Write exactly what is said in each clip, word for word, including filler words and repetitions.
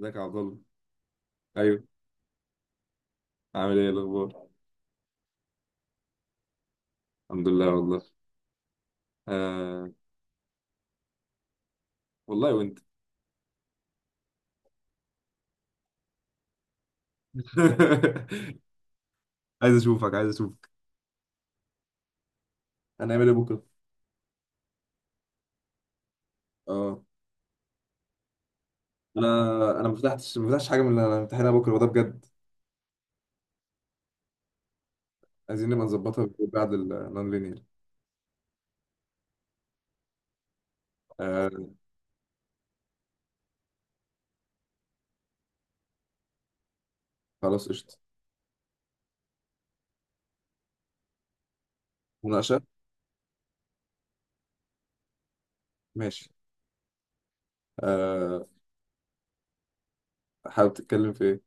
ازيك يا عبد الله؟ ايوه. عامل ايه الاخبار؟ الحمد لله والله. آه. والله وانت. عايز اشوفك عايز اشوفك هنعمل ايه بكره؟ اه. انا انا ما فتحتش ما فتحتش حاجه من اللي انا امتحانها بكره وده بجد. عايزين نبقى نظبطها بعد النون لينير. آه. خلاص قشطه. مناقشه. ماشي. آه. حابب تتكلم في ايه؟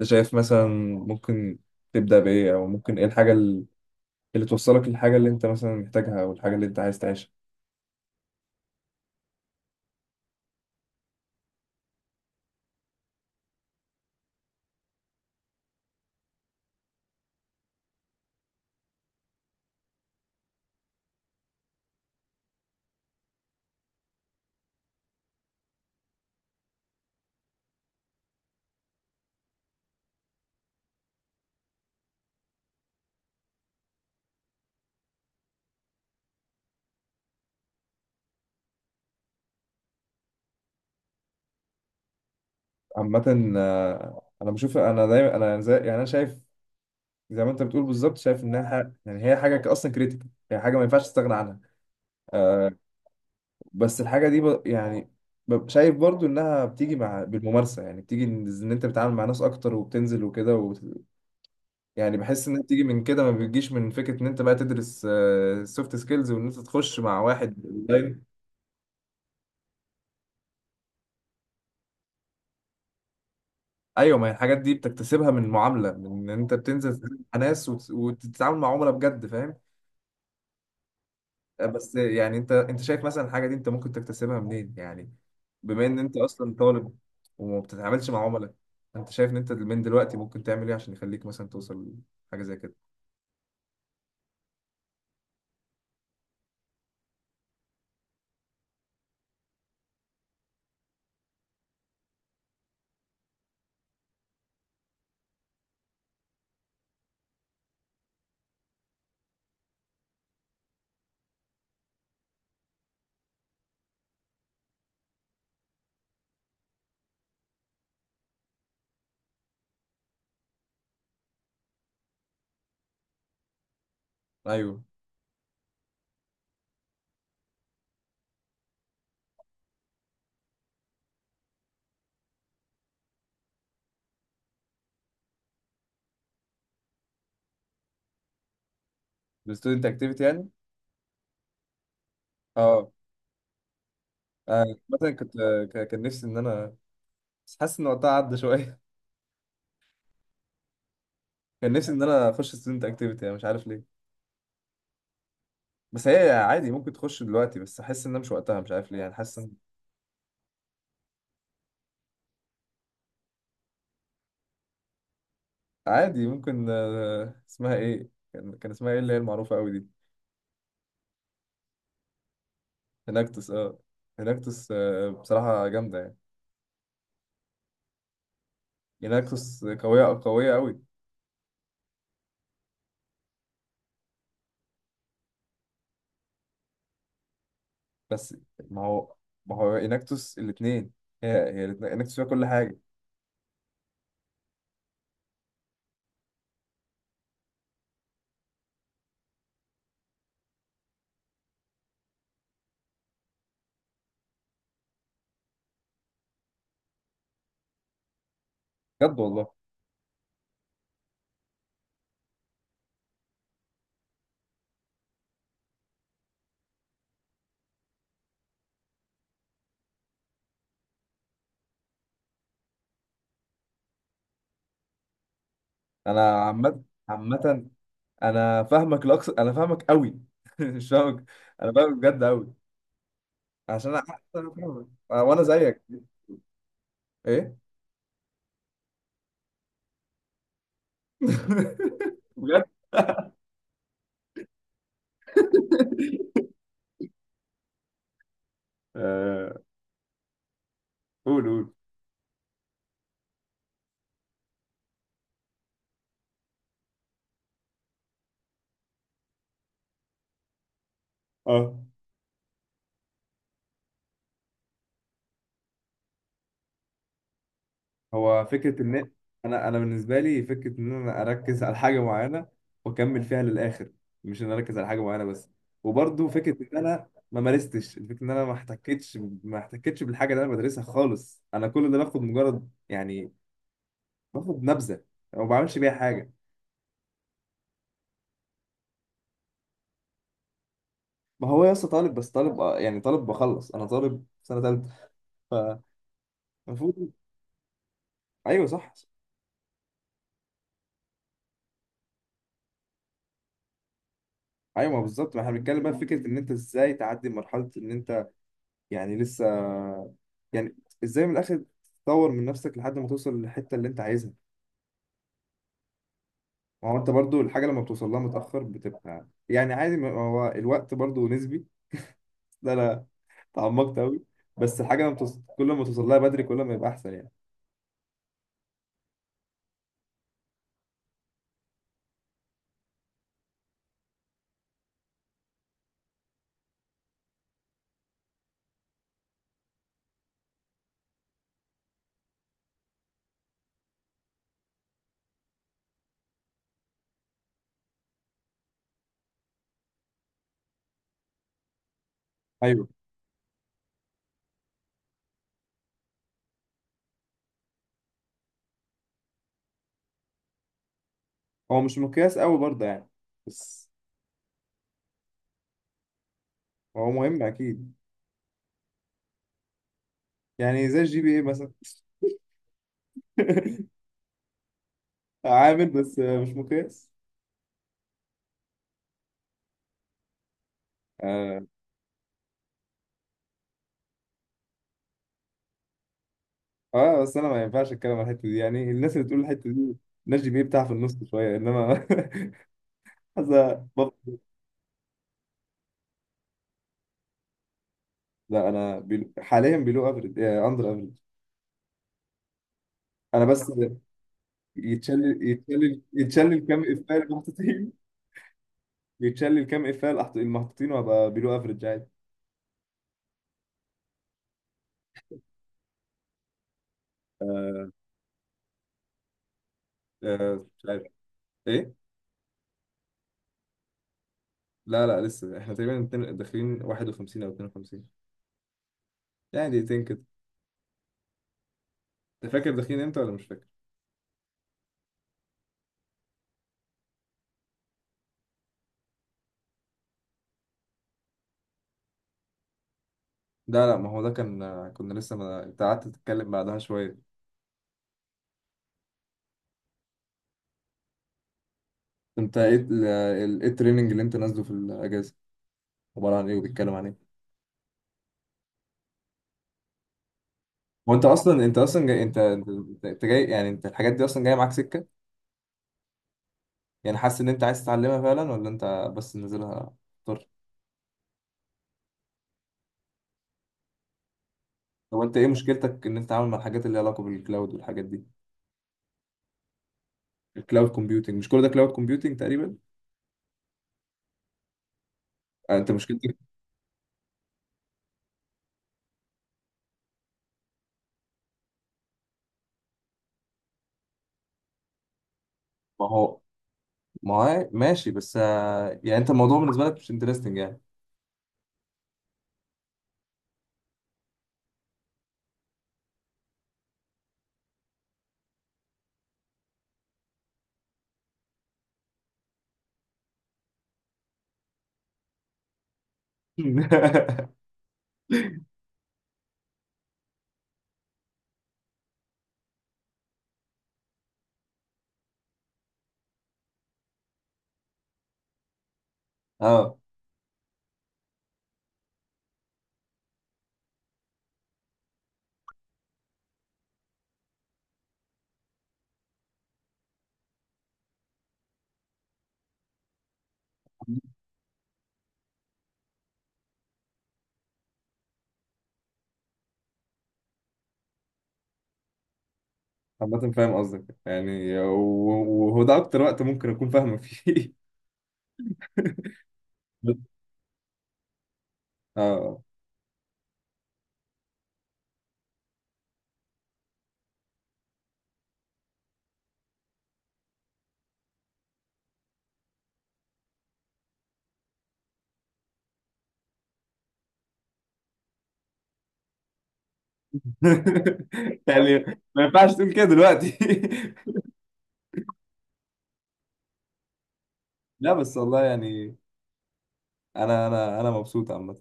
انت شايف مثلا ممكن تبدا بايه؟ او ممكن ايه الحاجه اللي, اللي توصلك للحاجه اللي انت مثلا محتاجها، او الحاجه اللي انت عايز تعيشها؟ عامة آه، أنا بشوف، أنا دايما أنا زي يعني أنا شايف زي ما أنت بتقول بالظبط. شايف إنها ح- يعني هي حاجة ك- أصلا كريتيكال، هي حاجة ما ينفعش تستغنى عنها. آه. بس الحاجة دي ب... يعني ب- شايف برضو إنها بتيجي مع بالممارسة، يعني بتيجي إن إن أنت بتتعامل مع ناس أكتر وبتنزل وكده وبت... يعني بحس إنها بتيجي من كده، ما بتجيش من فكرة إن أنت بقى تدرس سوفت سكيلز وإن أنت تخش مع واحد أونلاين. ايوه، ما هي الحاجات دي بتكتسبها من المعامله، من ان انت بتنزل مع ناس وت- وتتعامل مع عملاء بجد، فاهم؟ بس يعني انت انت شايف مثلا الحاجه دي انت ممكن تكتسبها منين يعني، بما ان انت اصلا طالب وما بتتعاملش مع عملاء؟ انت شايف ان انت من دلوقتي ممكن تعمل ايه عشان يخليك مثلا توصل لحاجه زي كده؟ ايوه. الستودنت اكتيفيتي يعني. اه. آه، مثلا كنت، ك- كان نفسي ان انا، بس حاسس ان وقتها عدى شويه. كان نفسي ان انا اخش ستودنت اكتيفيتي يعني، مش عارف ليه. بس هي عادي ممكن تخش دلوقتي، بس احس انها مش وقتها، مش عارف ليه، يعني حاسس ان عادي ممكن. آه، اسمها ايه؟ كان كان اسمها ايه اللي هي المعروفه قوي دي؟ هيناكتوس، اه. هيناكتوس آه، بصراحة جامدة يعني. هيناكتوس قوية، قوية قوي بس ما هو، ما هو هيناكتوس الاتنين، هي هي الاتنين هيناكتوس فيها كل حاجة. بجد والله. أنا عامة. عامة أنا فاهمك لأقصى، أنا فاهمك قوي. مش فاهمك. أنا فاهمك بجد قوي، عشان أنا. أنا فاهمك آه، وأنا زيك. إيه؟ بجد. آه، قول قول. اه. هو فكرة إن أنا، أنا بالنسبة لي فكرة إن أنا أركز على حاجة معينة وأكمل فيها للآخر، مش إن أنا أركز على حاجة معينة بس. وبرضه فكرة إن أنا ما مارستش، الفكرة إن أنا ما احتكتش، ما احتكتش بالحاجة اللي أنا بدرسها خالص. أنا كل ده باخد مجرد يعني باخد نبذة وما بعملش بيها حاجة. ما هو يا اسطى طالب، بس طالب آه، يعني طالب بخلص، أنا طالب في سنة تالتة، فالمفروض. أيوه صح. أيوه بالظبط. ما إحنا بنتكلم بقى في فكرة إن أنت إزاي تعدي مرحلة إن أنت يعني لسه، يعني ازاي من الاخر تطور من نفسك لحد ما توصل للحته اللي انت عايزها. ما هو انت برضو الحاجه لما بتوصل لها متاخر بتبقى يعني عادي، ما هو الوقت برضو نسبي. ده انا تعمقت قوي. بس الحاجه لما بتوصل... كل ما توصل لها بدري كل ما يبقى احسن يعني. ايوه. هو مش مقياس قوي برضه يعني، بس هو مهم اكيد. يعني زي الجي بي اي مثلا. عامل بس مش مقياس. اه. آه، بس انا ما ينفعش اتكلم عن الحته دي، يعني الناس اللي تقول الحته دي، الناس جي بي اي بتاعها في النص شويه، انما هذا بط- لا انا بيلو... حاليا بيلو افريج، اندر افريج. انا بس، يتشلل يتشلل يتشلل كام افيه اللي محطوطين. يتشلل كام افيه اللي حط- المحطوطين وابقى بيلو افريج عادي. آه. آه، مش عارف ايه. لا لا لسه احنا تقريبا اتنين- داخلين واحد وخمسين او اتنين وخمسين، يعني دقيقتين كده. انت فاكر داخلين امتى ولا مش فاكر؟ لا لا، ما هو ده كان آه، كنا لسه، ما انت قعدت تتكلم بعدها شويه. انت ايه ال- ال- ايه التريننج اللي انت نازله في الاجازه؟ عباره عن ايه وبيتكلم عن ايه؟ هو انت اصلا، انت اصلا جاي، انت انت أنت جاي، يعني انت الحاجات دي اصلا جايه معاك سكه، يعني حاسس ان انت عايز تتعلمها فعلا ولا انت بس نازلها؟ طر طب انت ايه مشكلتك ان انت عامل مع الحاجات اللي ليها علاقه بالكلاود والحاجات دي؟ الكلاود كومبيوتنج، مش كل ده كلاود كومبيوتنج تقريبا؟ آه، انت مشكلتك. ما هو، ما هو ماشي، بس آه، يعني انت الموضوع بالنسبه لك مش انترستنج يعني. اه. عامة فاهم قصدك، يعني و- وهو ده اكتر وقت ممكن اكون فاهمك فيه. اه. يعني ما ينفعش تقول كده دلوقتي. لا بس والله يعني انا انا انا مبسوط عامه.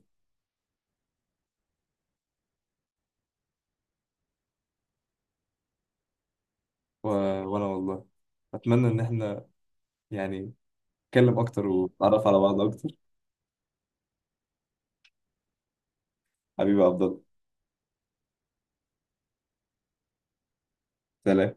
و- وانا والله اتمنى ان احنا يعني نتكلم اكتر ونتعرف على بعض اكتر. حبيبي عبد الله. سلام.